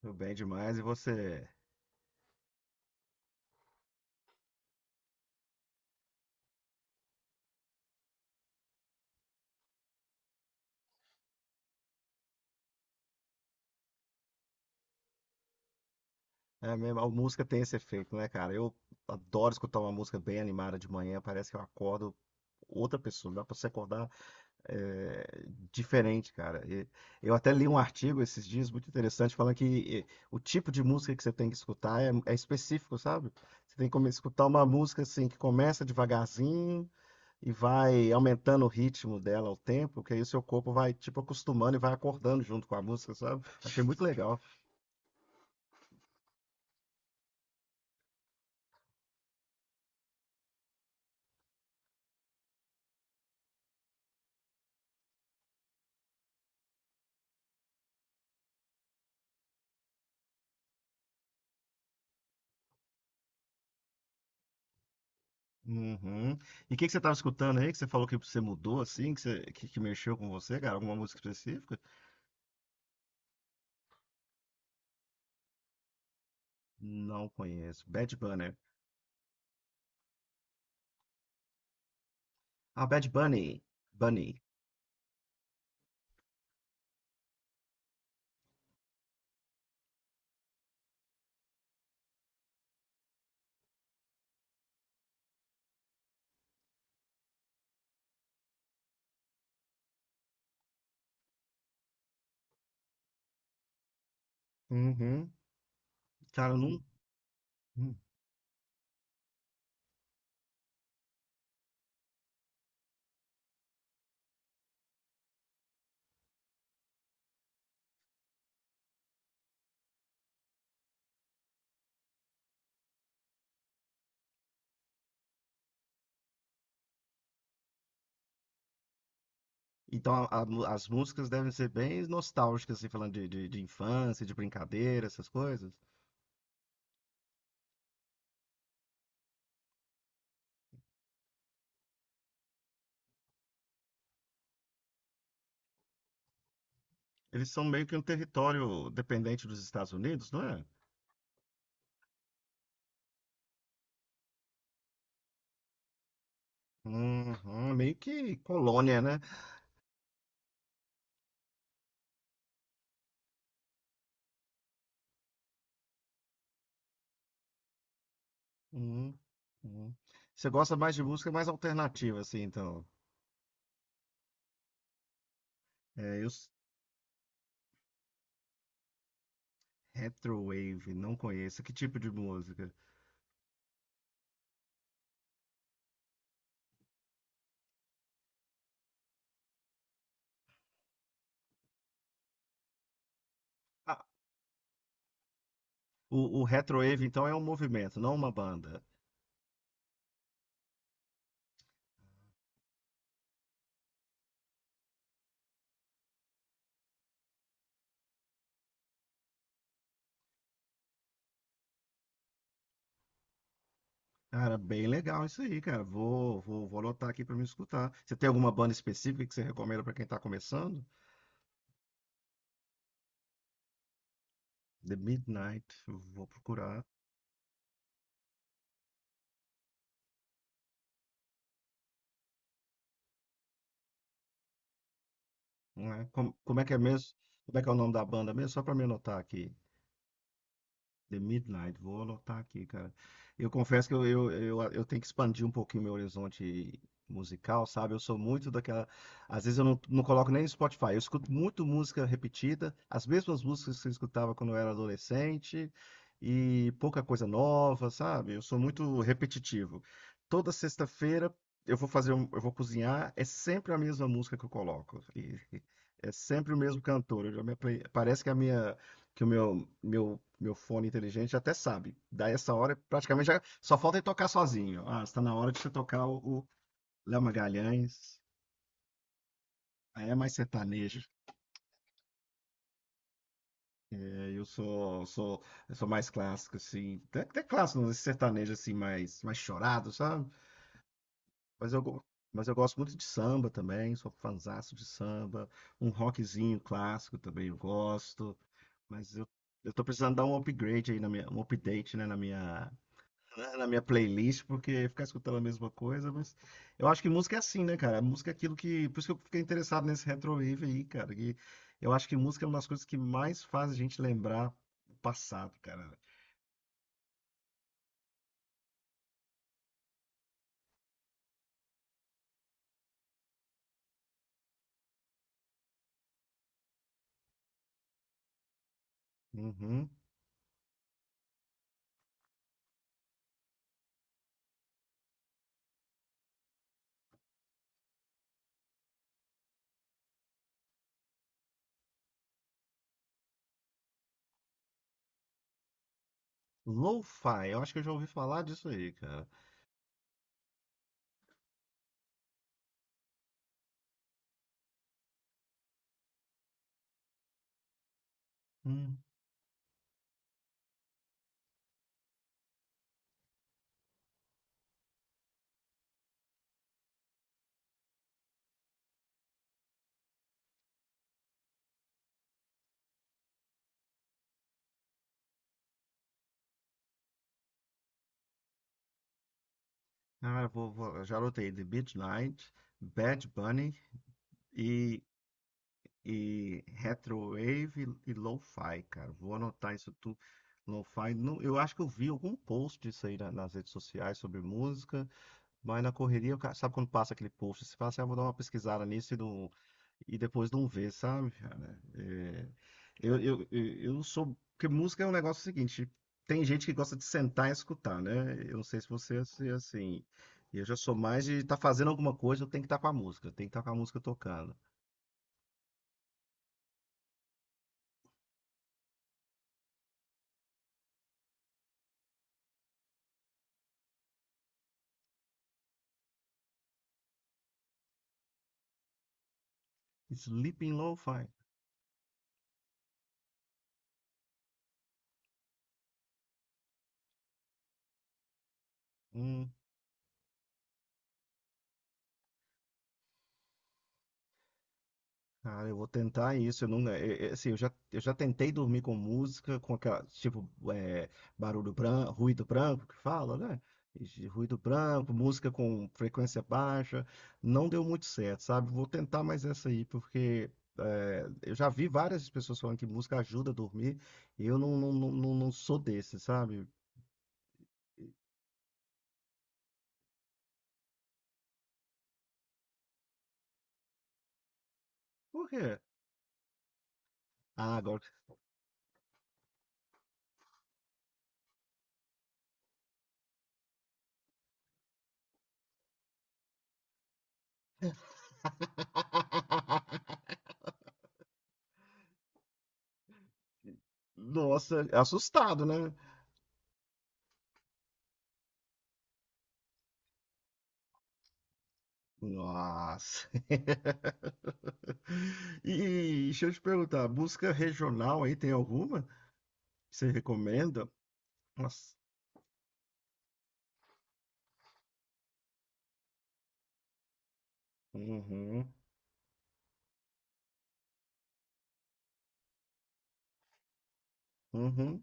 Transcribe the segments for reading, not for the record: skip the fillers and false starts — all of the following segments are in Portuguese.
Tudo bem demais. E você? É mesmo, a música tem esse efeito, né, cara? Eu adoro escutar uma música bem animada de manhã. Parece que eu acordo outra pessoa. Dá pra você acordar é, diferente, cara. E eu até li um artigo esses dias muito interessante falando que o tipo de música que você tem que escutar é específico, sabe? Você tem que escutar uma música assim que começa devagarzinho e vai aumentando o ritmo dela ao tempo, que aí o seu corpo vai tipo acostumando e vai acordando junto com a música, sabe? Achei muito legal. Uhum. E o que que você estava escutando aí? Que você falou que você mudou assim, que mexeu com você, cara? Alguma música específica? Não conheço. Bad Bunny. Ah, Bad Bunny. Bunny. Uhum. Cara, eu não. Hum. Então as músicas devem ser bem nostálgicas, assim, falando de infância, de brincadeira, essas coisas. Eles são meio que um território dependente dos Estados Unidos, não é? Uhum. Meio que colônia, né? Uhum. Uhum. Você gosta mais de música mais alternativa, assim, então. É, eu, Retrowave, não conheço. Que tipo de música? Ah, o Retrowave, então, é um movimento, não uma banda. Cara, bem legal isso aí, cara. Vou anotar aqui pra me escutar. Você tem alguma banda específica que você recomenda pra quem tá começando? The Midnight, vou procurar. Não é? Como é que é mesmo? Como é que é o nome da banda mesmo? Só pra me anotar aqui. The Midnight, vou anotar aqui, cara. Eu confesso que eu tenho que expandir um pouquinho meu horizonte musical, sabe? Eu sou muito daquela. Às vezes eu não coloco nem no Spotify. Eu escuto muito música repetida, as mesmas músicas que eu escutava quando eu era adolescente, e pouca coisa nova, sabe? Eu sou muito repetitivo. Toda sexta-feira eu vou cozinhar, é sempre a mesma música que eu coloco. É sempre o mesmo cantor. Eu já parece que o meu fone inteligente até sabe. Daí essa hora, praticamente já só falta ele tocar sozinho. Ah, está na hora de você tocar o Léo Magalhães. Aí é mais sertanejo. É, eu sou, sou, eu sou mais clássico assim. Até clássico, não, esse sertanejo assim mais chorado, sabe? Mas eu, go- mas eu gosto muito de samba também, sou fanzaço de samba. Um rockzinho clássico também eu gosto. Mas eu tô precisando dar um upgrade aí na minha, um update, né, na minha playlist, porque ficar escutando a mesma coisa, mas eu acho que música é assim, né, cara? Música é aquilo que, por isso que eu fiquei interessado nesse retrowave aí, cara, que eu acho que música é uma das coisas que mais faz a gente lembrar o passado, cara. Uhum. Lo-fi, eu acho que eu já ouvi falar disso aí, cara. Uhum. Ah, eu já anotei The Midnight, Bad Bunny e, e Retrowave e Lo-Fi, cara. Vou anotar isso tudo. Lo-Fi, eu acho que eu vi algum post disso aí nas redes sociais sobre música. Mas na correria, sabe quando passa aquele post? Você fala assim, ah, vou dar uma pesquisada nisso e, não, e depois não vê, sabe, cara? É, eu sou. Porque música é um negócio seguinte: tem gente que gosta de sentar e escutar, né? Eu não sei se você é assim. Eu já sou mais de estar fazendo alguma coisa, eu tenho que estar com a música, eu tenho que estar com a música tocando. Sleeping Lo-Fi. Hum. Ah, eu vou tentar isso. Eu não, assim, eu já tentei dormir com música, com aquela, tipo, barulho branco, ruído branco que fala, né? Esse ruído branco, música com frequência baixa. Não deu muito certo, sabe? Vou tentar mais essa aí, porque eu já vi várias pessoas falando que música ajuda a dormir. E eu não sou desse, sabe? Por quê? Ah, agora. Nossa, assustado, né? Nossa. E deixa eu te perguntar, música regional aí tem alguma que você recomenda? Nossa. Uhum, uhum.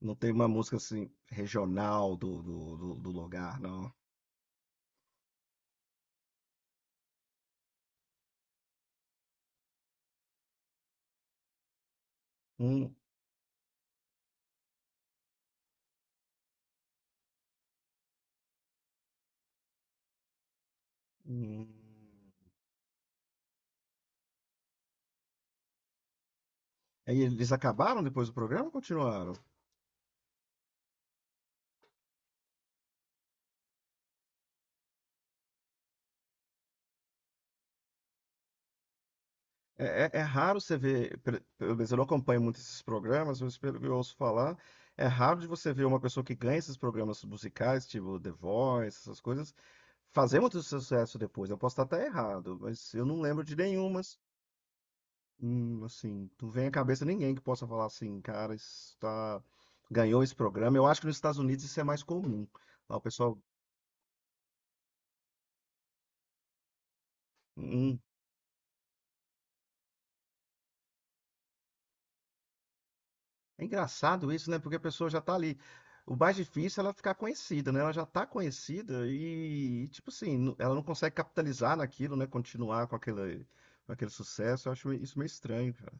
Não tem uma música assim regional do lugar, não. Hum, hum. Aí eles acabaram depois do programa ou continuaram? É raro você ver, pelo menos eu não acompanho muito esses programas, mas pelo que eu ouço falar, é raro de você ver uma pessoa que ganha esses programas musicais, tipo The Voice, essas coisas, fazer muito sucesso depois. Eu posso estar até errado, mas eu não lembro de nenhuma. Assim, não vem à cabeça ninguém que possa falar assim, cara, ganhou esse programa. Eu acho que nos Estados Unidos isso é mais comum. Lá o pessoal. Hum. É engraçado isso, né? Porque a pessoa já tá ali. O mais difícil é ela ficar conhecida, né? Ela já tá conhecida tipo assim, ela não consegue capitalizar naquilo, né? Continuar com aquele sucesso. Eu acho isso meio estranho, cara.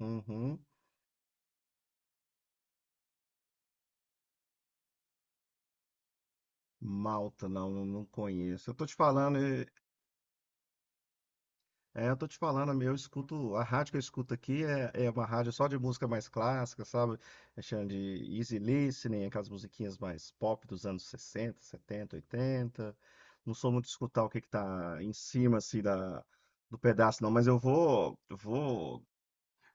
Uhum. Malta, não conheço. Eu tô te falando. É, eu tô te falando, eu escuto, a rádio que eu escuto aqui é uma rádio só de música mais clássica, sabe? É chama de easy listening, aquelas musiquinhas mais pop dos anos 60, 70, 80. Não sou muito de escutar o que que tá em cima, assim, do pedaço, não, mas eu vou, vou,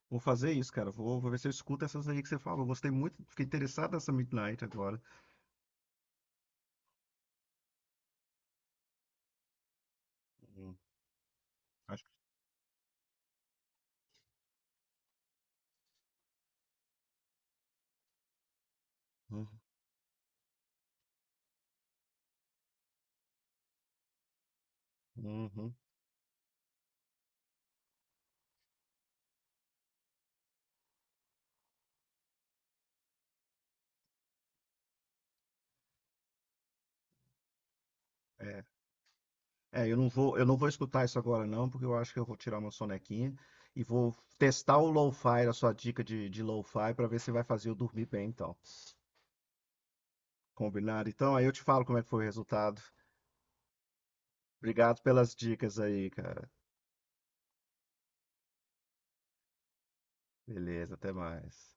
vou fazer isso, cara. Vou ver se eu escuto essas aí que você falou. Gostei muito, fiquei interessado nessa Midnight agora. Uhum. Acho que. Uhum. Uhum. É. É, eu não vou escutar isso agora não, porque eu acho que eu vou tirar uma sonequinha e vou testar o lo-fi, a sua dica de lo-fi, para ver se vai fazer eu dormir bem, então. Combinado? Então, aí eu te falo como é que foi o resultado. Obrigado pelas dicas aí, cara. Beleza, até mais.